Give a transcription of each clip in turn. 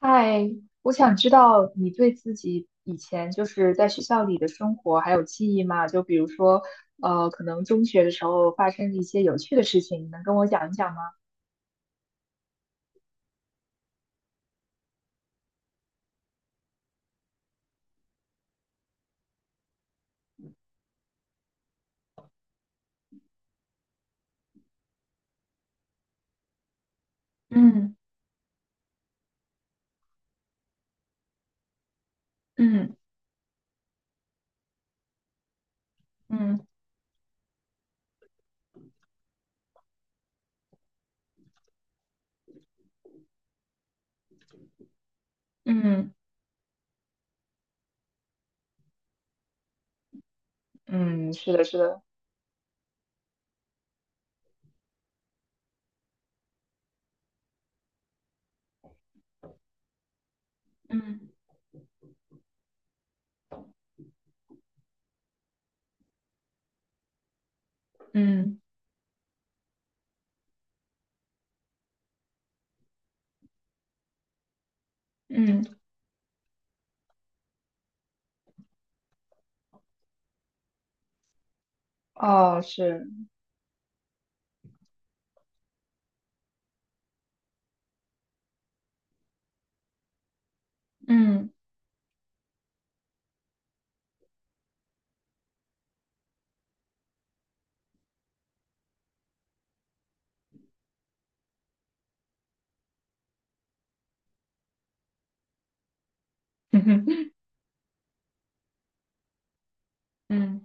嗨，我想知道你对自己以前就是在学校里的生活还有记忆吗？就比如说，可能中学的时候发生的一些有趣的事情，你能跟我讲一讲吗？嗯嗯嗯嗯嗯，是的，是的，嗯嗯嗯哦，是，嗯嗯哼。嗯。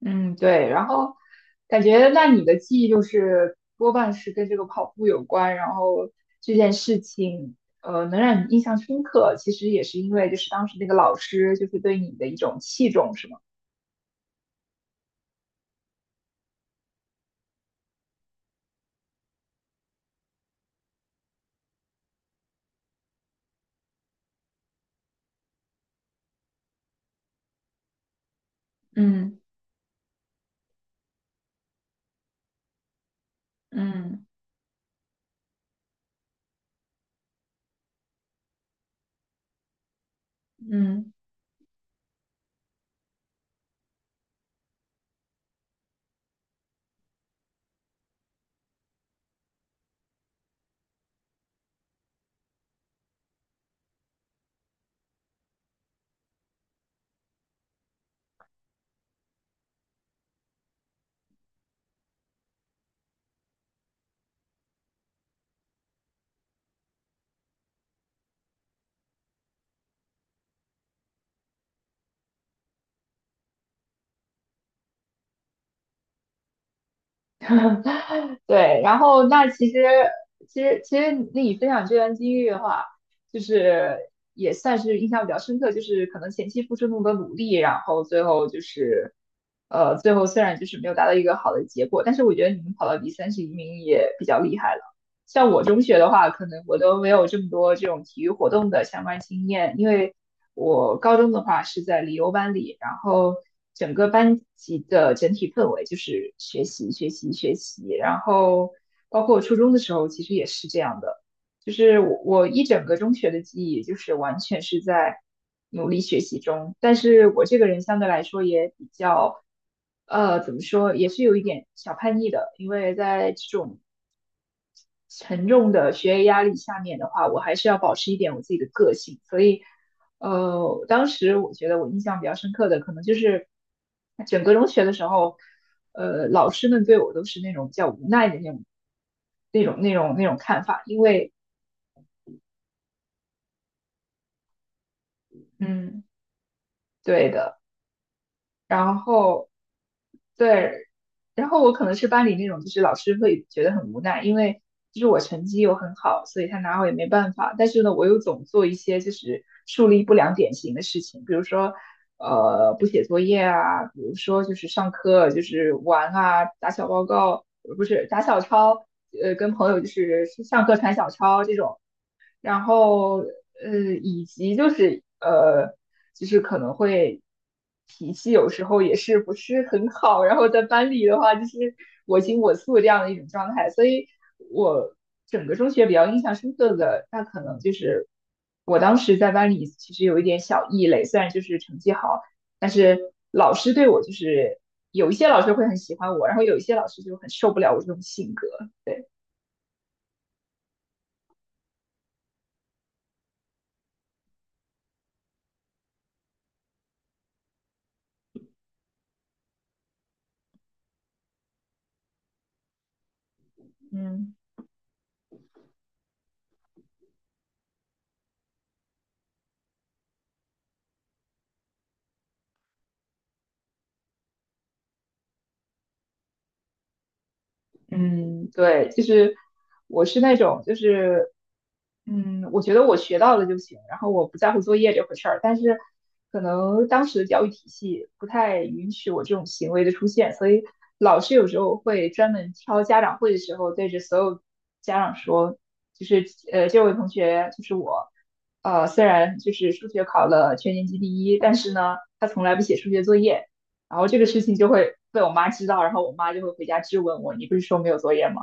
嗯，对，然后感觉那你的记忆就是多半是跟这个跑步有关，然后这件事情，能让你印象深刻，其实也是因为就是当时那个老师就是对你的一种器重，是吗？嗯嗯嗯。对，然后那其实你分享这段经历的话，就是也算是印象比较深刻，就是可能前期付出那么多努力，然后最后虽然就是没有达到一个好的结果，但是我觉得你们跑到第31名也比较厉害了。像我中学的话，可能我都没有这么多这种体育活动的相关经验，因为我高中的话是在理优班里，然后整个班级的整体氛围就是学习、学习、学习，然后包括初中的时候，其实也是这样的，就是我一整个中学的记忆就是完全是在努力学习中，但是我这个人相对来说也比较。怎么说，也是有一点小叛逆的，因为在这种沉重的学业压力下面的话，我还是要保持一点我自己的个性。所以，当时我觉得我印象比较深刻的，可能就是整个中学的时候，老师们对我都是那种比较无奈的那种看法，因为，嗯，对的。然后对，然后我可能是班里那种，就是老师会觉得很无奈，因为就是我成绩又很好，所以他拿我也没办法。但是呢，我又总做一些就是树立不良典型的事情，比如说不写作业啊，比如说就是上课就是玩啊，打小报告，不是打小抄，跟朋友就是上课传小抄这种。然后以及就是可能会脾气有时候也是不是很好，然后在班里的话就是我行我素这样的一种状态，所以我整个中学比较印象深刻的，那可能就是我当时在班里其实有一点小异类，虽然就是成绩好，但是老师对我就是有一些老师会很喜欢我，然后有一些老师就很受不了我这种性格，对，嗯。嗯，对，就是我是那种，就是我觉得我学到了就行，然后我不在乎作业这回事儿。但是可能当时的教育体系不太允许我这种行为的出现，所以老师有时候会专门挑家长会的时候，对着所有家长说，就是,这位同学就是我，虽然就是数学考了全年级第一，但是呢，他从来不写数学作业。然后这个事情就会被我妈知道，然后我妈就会回家质问我，你不是说没有作业吗？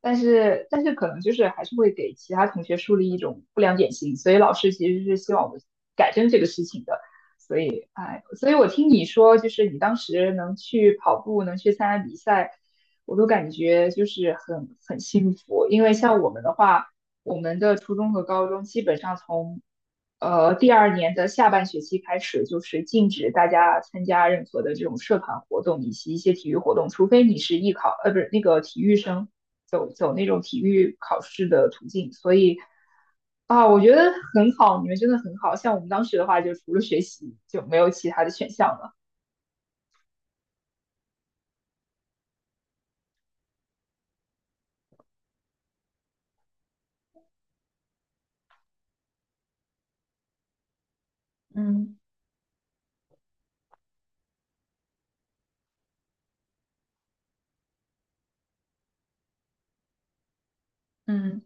但是可能就是还是会给其他同学树立一种不良典型，所以老师其实是希望我们改正这个事情的。所以哎，所以我听你说，就是你当时能去跑步，能去参加比赛，我都感觉就是很幸福，因为像我们的话。我们的初中和高中基本上从第二年的下半学期开始，就是禁止大家参加任何的这种社团活动以及一些体育活动，除非你是艺考，不是那个体育生，走那种体育考试的途径。所以啊，我觉得很好，你们真的很好。像我们当时的话，就除了学习就没有其他的选项了。嗯嗯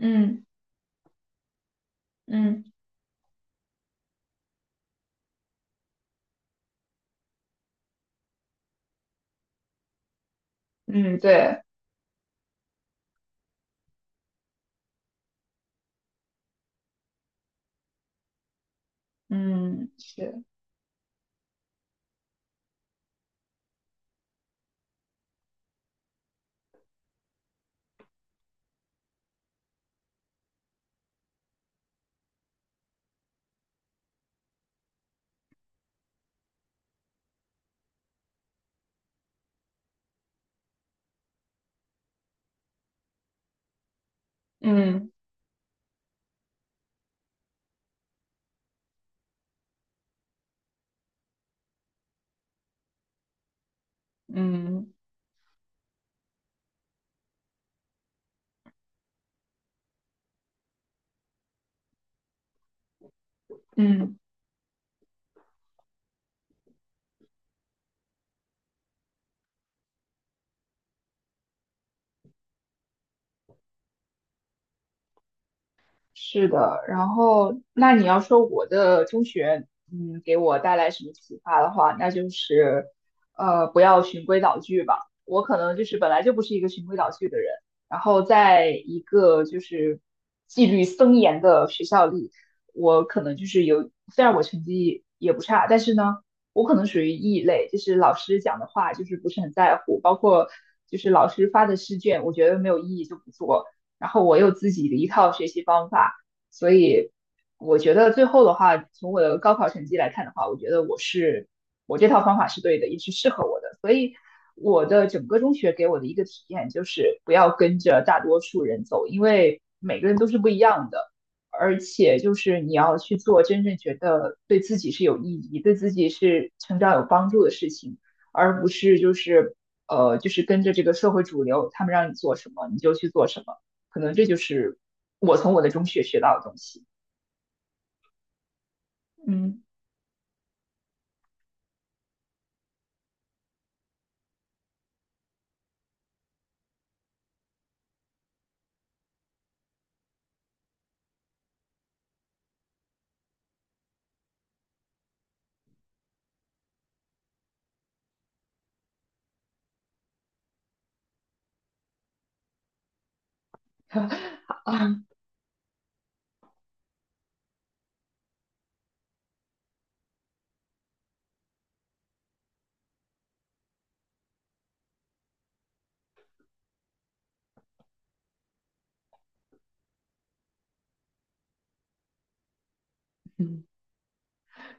嗯嗯嗯，对，嗯是，嗯嗯嗯。是的，然后那你要说我的中学，嗯，给我带来什么启发的话，那就是，不要循规蹈矩吧。我可能就是本来就不是一个循规蹈矩的人，然后在一个就是纪律森严的学校里，我可能就是有，虽然我成绩也不差，但是呢，我可能属于异类，就是老师讲的话就是不是很在乎，包括就是老师发的试卷，我觉得没有意义就不做。然后我有自己的一套学习方法，所以我觉得最后的话，从我的高考成绩来看的话，我觉得我这套方法是对的，也是适合我的。所以我的整个中学给我的一个体验就是不要跟着大多数人走，因为每个人都是不一样的，而且就是你要去做真正觉得对自己是有意义、对自己是成长有帮助的事情，而不是就是。就是跟着这个社会主流，他们让你做什么你就去做什么。可能这就是我从我的中学学到的东西。嗯嗯，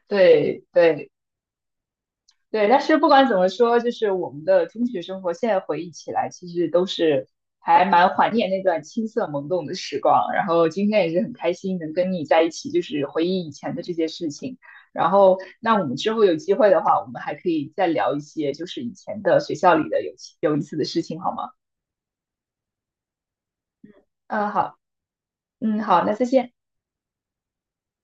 对对对，但是不管怎么说，就是我们的中学生活，现在回忆起来，其实都是还蛮怀念那段青涩懵懂的时光。然后今天也是很开心能跟你在一起，就是回忆以前的这些事情。然后，那我们之后有机会的话，我们还可以再聊一些，就是以前的学校里的有意思的事情，好吗？嗯，好，嗯，好，那再见。